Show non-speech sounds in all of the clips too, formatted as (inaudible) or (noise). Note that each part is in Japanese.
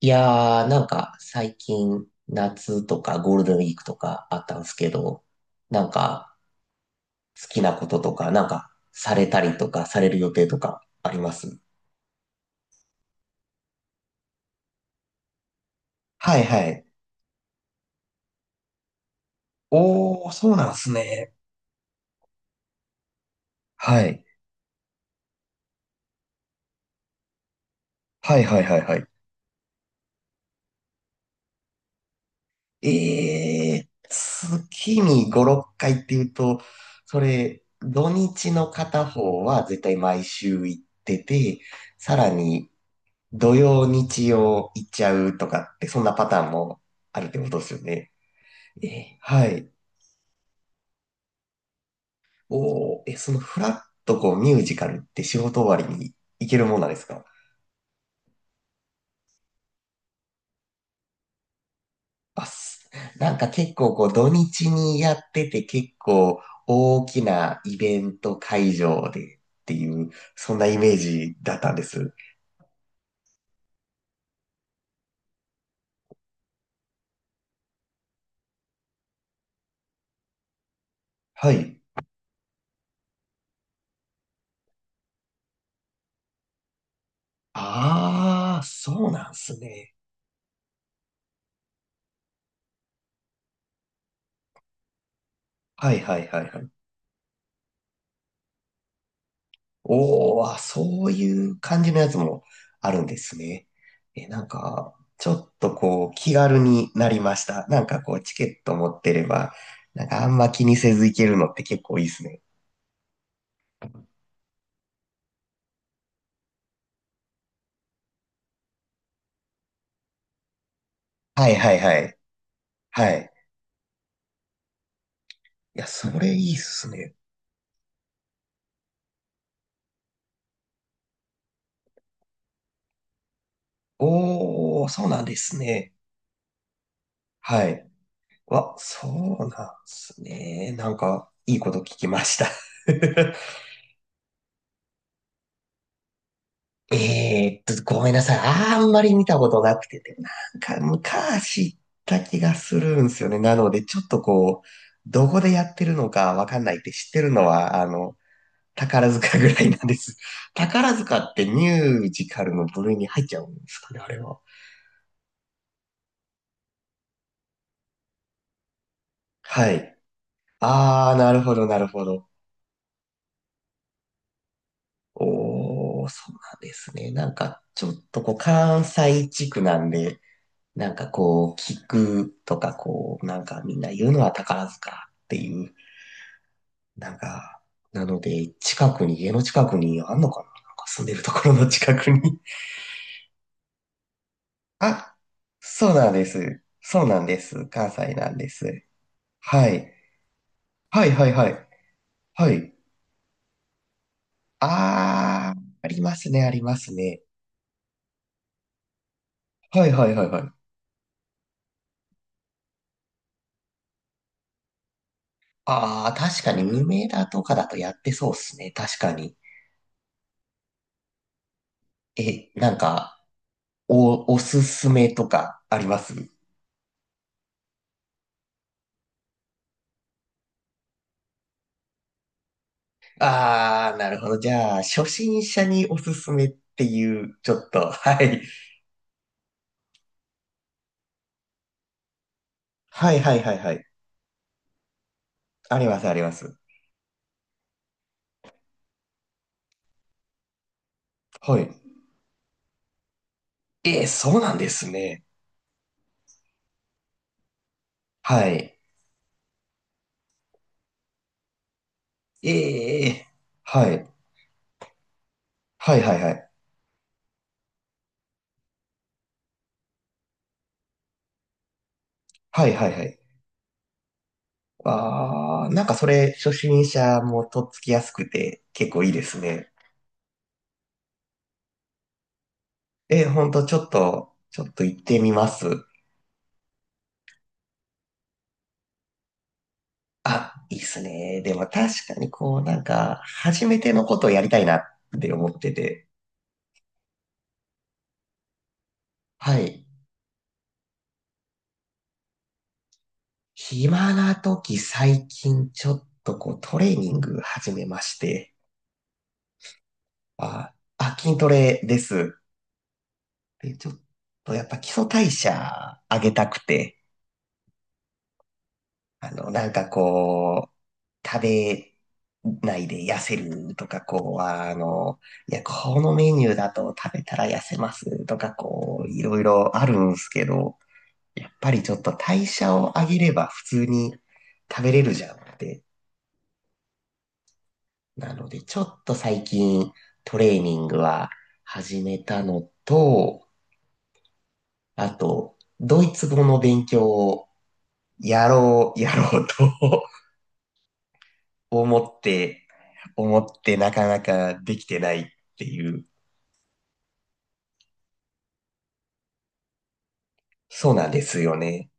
なんか最近夏とかゴールデンウィークとかあったんですけど、なんか好きなこととか、されたりとかされる予定とかあります？はいはい。おー、そうなんすね。はい。はいはいはいはい。えー、月に5、6回っていうと、それ、土日の片方は絶対毎週行ってて、さらに土曜、日曜行っちゃうとかって、そんなパターンもあるってことですよね？え、はい。おー、え、そのフラッとこうミュージカルって仕事終わりに行けるもんなんですか？あ、す、結構こう土日にやってて、結構大きなイベント会場でっていう、そんなイメージだったんです。はい。ああ、そうなんすね。はいはいはいはい。おお、あ、そういう感じのやつもあるんですね。え、ちょっとこう、気軽になりました。チケット持ってれば、あんま気にせず行けるのって結構いいですね。はいはいはい。はい。いや、それいいっすね。おー、そうなんですね。はい。わ、そうなんですね。いいこと聞きました。(laughs) えーっと、ごめんなさい。あんまり見たことなくて、昔行った気がするんですよね。なので、ちょっとこう、どこでやってるのかわかんないって、知ってるのは、宝塚ぐらいなんです。(laughs) 宝塚ってミュージカルの部類に入っちゃうんですかね、あれは？はい。あー、なるほど、なるほど。おー、そうなんですね。ちょっとこう、関西地区なんで、聞くとかこう、みんな言うのは宝塚っていう、なんか、なので、近くに、家の近くにあんのかな、住んでるところの近くに。(laughs) あ、そうなんです。そうなんです。関西なんです。はい。はいはいはい。はい。あー、ありますね、ありますね。はいはいはいはい。あー、確かに無名だとかだとやってそうっすね。確かに。え、お、おすすめとかあります？あー、なるほど。じゃあ、初心者におすすめっていう、ちょっと、(laughs) はい。はいはいはいはい。ありますあります。はい。えー、そうなんですね。はい。えー、はい。はいはいはい。はいはいはい。あー、それ、初心者もとっつきやすくて、結構いいですね。えー、ほんと、ちょっと、ちょっと行ってみます。あ、いいっすね。でも確かにこう、初めてのことをやりたいなって思ってて。はい。暇な時、最近ちょっとこうトレーニング始めまして、あ、あ、筋トレです。で、ちょっとやっぱ基礎代謝上げたくて、あの、食べないで痩せるとか、こう、あの、いや、このメニューだと食べたら痩せますとか、こう、いろいろあるんですけど、やっぱりちょっと代謝を上げれば普通に食べれるじゃんって。なので、ちょっと最近トレーニングは始めたのと、あと、ドイツ語の勉強をやろう、(laughs) やろうと (laughs) 思って、思ってなかなかできてないっていう。そうなんですよね。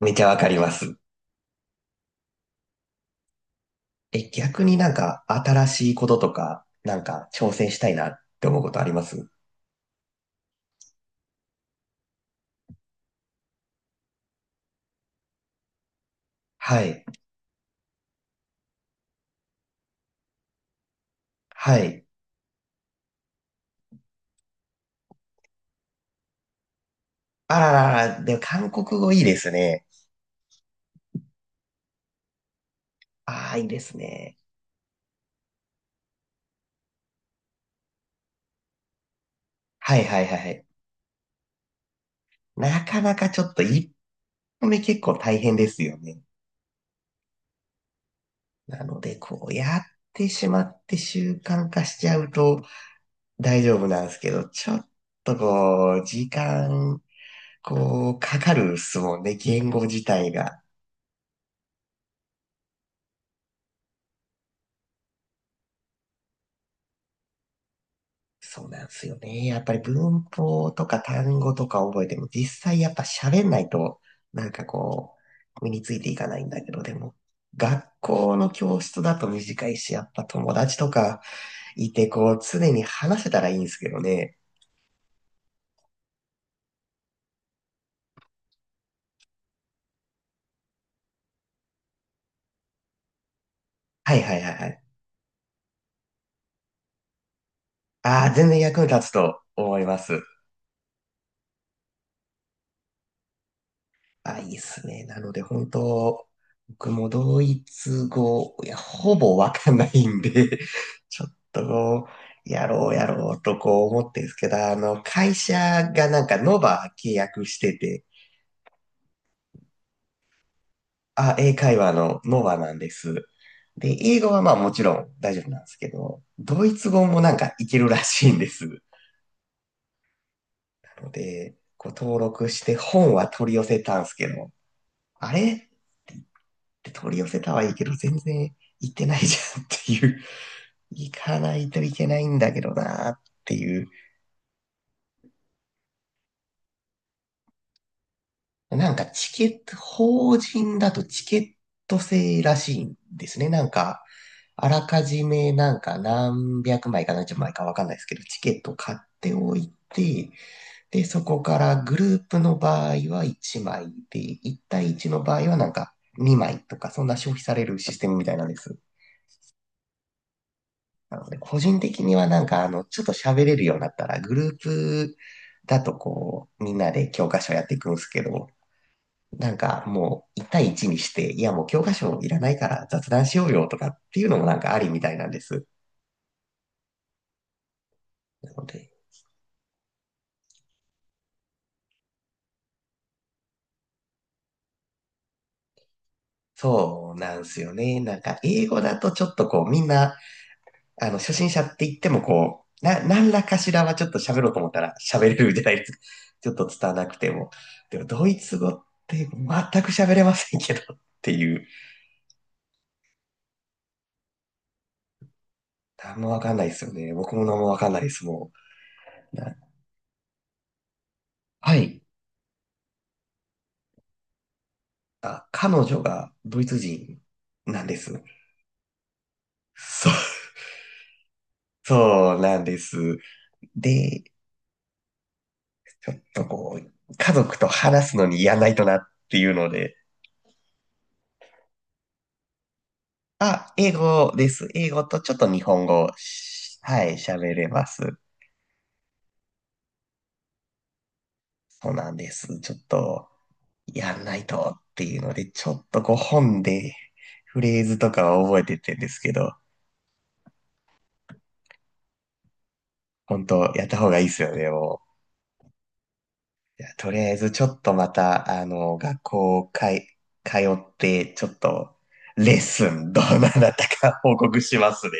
めちゃわかります。え、逆に新しいこととか、挑戦したいなって思うことあります？はい。はい。あららら、でも韓国語いいですね。ああ、いいですね。はいはいはいはい。なかなかちょっと一歩目結構大変ですよね。なので、こうやってしまって習慣化しちゃうと大丈夫なんですけど、ちょっとこう、時間、こう、かかるっすもんね、言語自体が。そうなんですよね。やっぱり文法とか単語とか覚えても、実際やっぱ喋んないと、なんかこ身についていかないんだけど、でも、学校の教室だと短いし、やっぱ友達とか、いて、こう、常に話せたらいいんですけどね。はいはいはいはい。ああ、全然役に立つと思います。あ、いいっすね。なので、本当僕もドイツ語、いや、ほぼわかんないんで、(laughs) ちょっとこう、やろうやろうとこう思ってるんですけど、あの、会社がノバ契約してて、あ、英会話のノバなんです。で、英語はまあもちろん大丈夫なんですけど、ドイツ語もいけるらしいんです。ので、こう登録して本は取り寄せたんすけど、あれって言って取り寄せたはいいけど、全然行ってないじゃんっていう、(laughs) 行かないといけないんだけどなっていう。チケット、法人だとチケット制らしいんですね。あらかじめ何百枚か何十枚かわかんないですけど、チケット買っておいて、で、そこからグループの場合は1枚で、1対1の場合は2枚とか、そんな消費されるシステムみたいなんです。なので、個人的にはちょっと喋れるようになったら、グループだとこう、みんなで教科書やっていくんですけど、もう1対1にして、いやもう教科書いらないから雑談しようよとかっていうのもありみたいなんです。なので、そうなんですよね。英語だとちょっとこうみんなあの、初心者って言ってもこう、な、何らかしらはちょっと喋ろうと思ったら喋れるじゃないですか。(laughs) ちょっと伝わなくても。でも、ドイツ語って全く喋れませんけどっていう。何もわかんないですよね。僕も何もわかんないです、もう。な、はい。あ、彼女がドイツ人なんです。そう、(laughs) そうなんです。で、ちょっとこう、家族と話すのにやらないとなっていうので、あ、英語です。英語とちょっと日本語をし、はい、喋れます。そうなんです。ちょっと、やんないとっていうので、ちょっとこう本でフレーズとかは覚えてってんですけど、本当やった方がいいですよね、もう。いや、とりあえずちょっとまた、あの、学校かい、通って、ちょっと、レッスン、どうなったか報告しますね。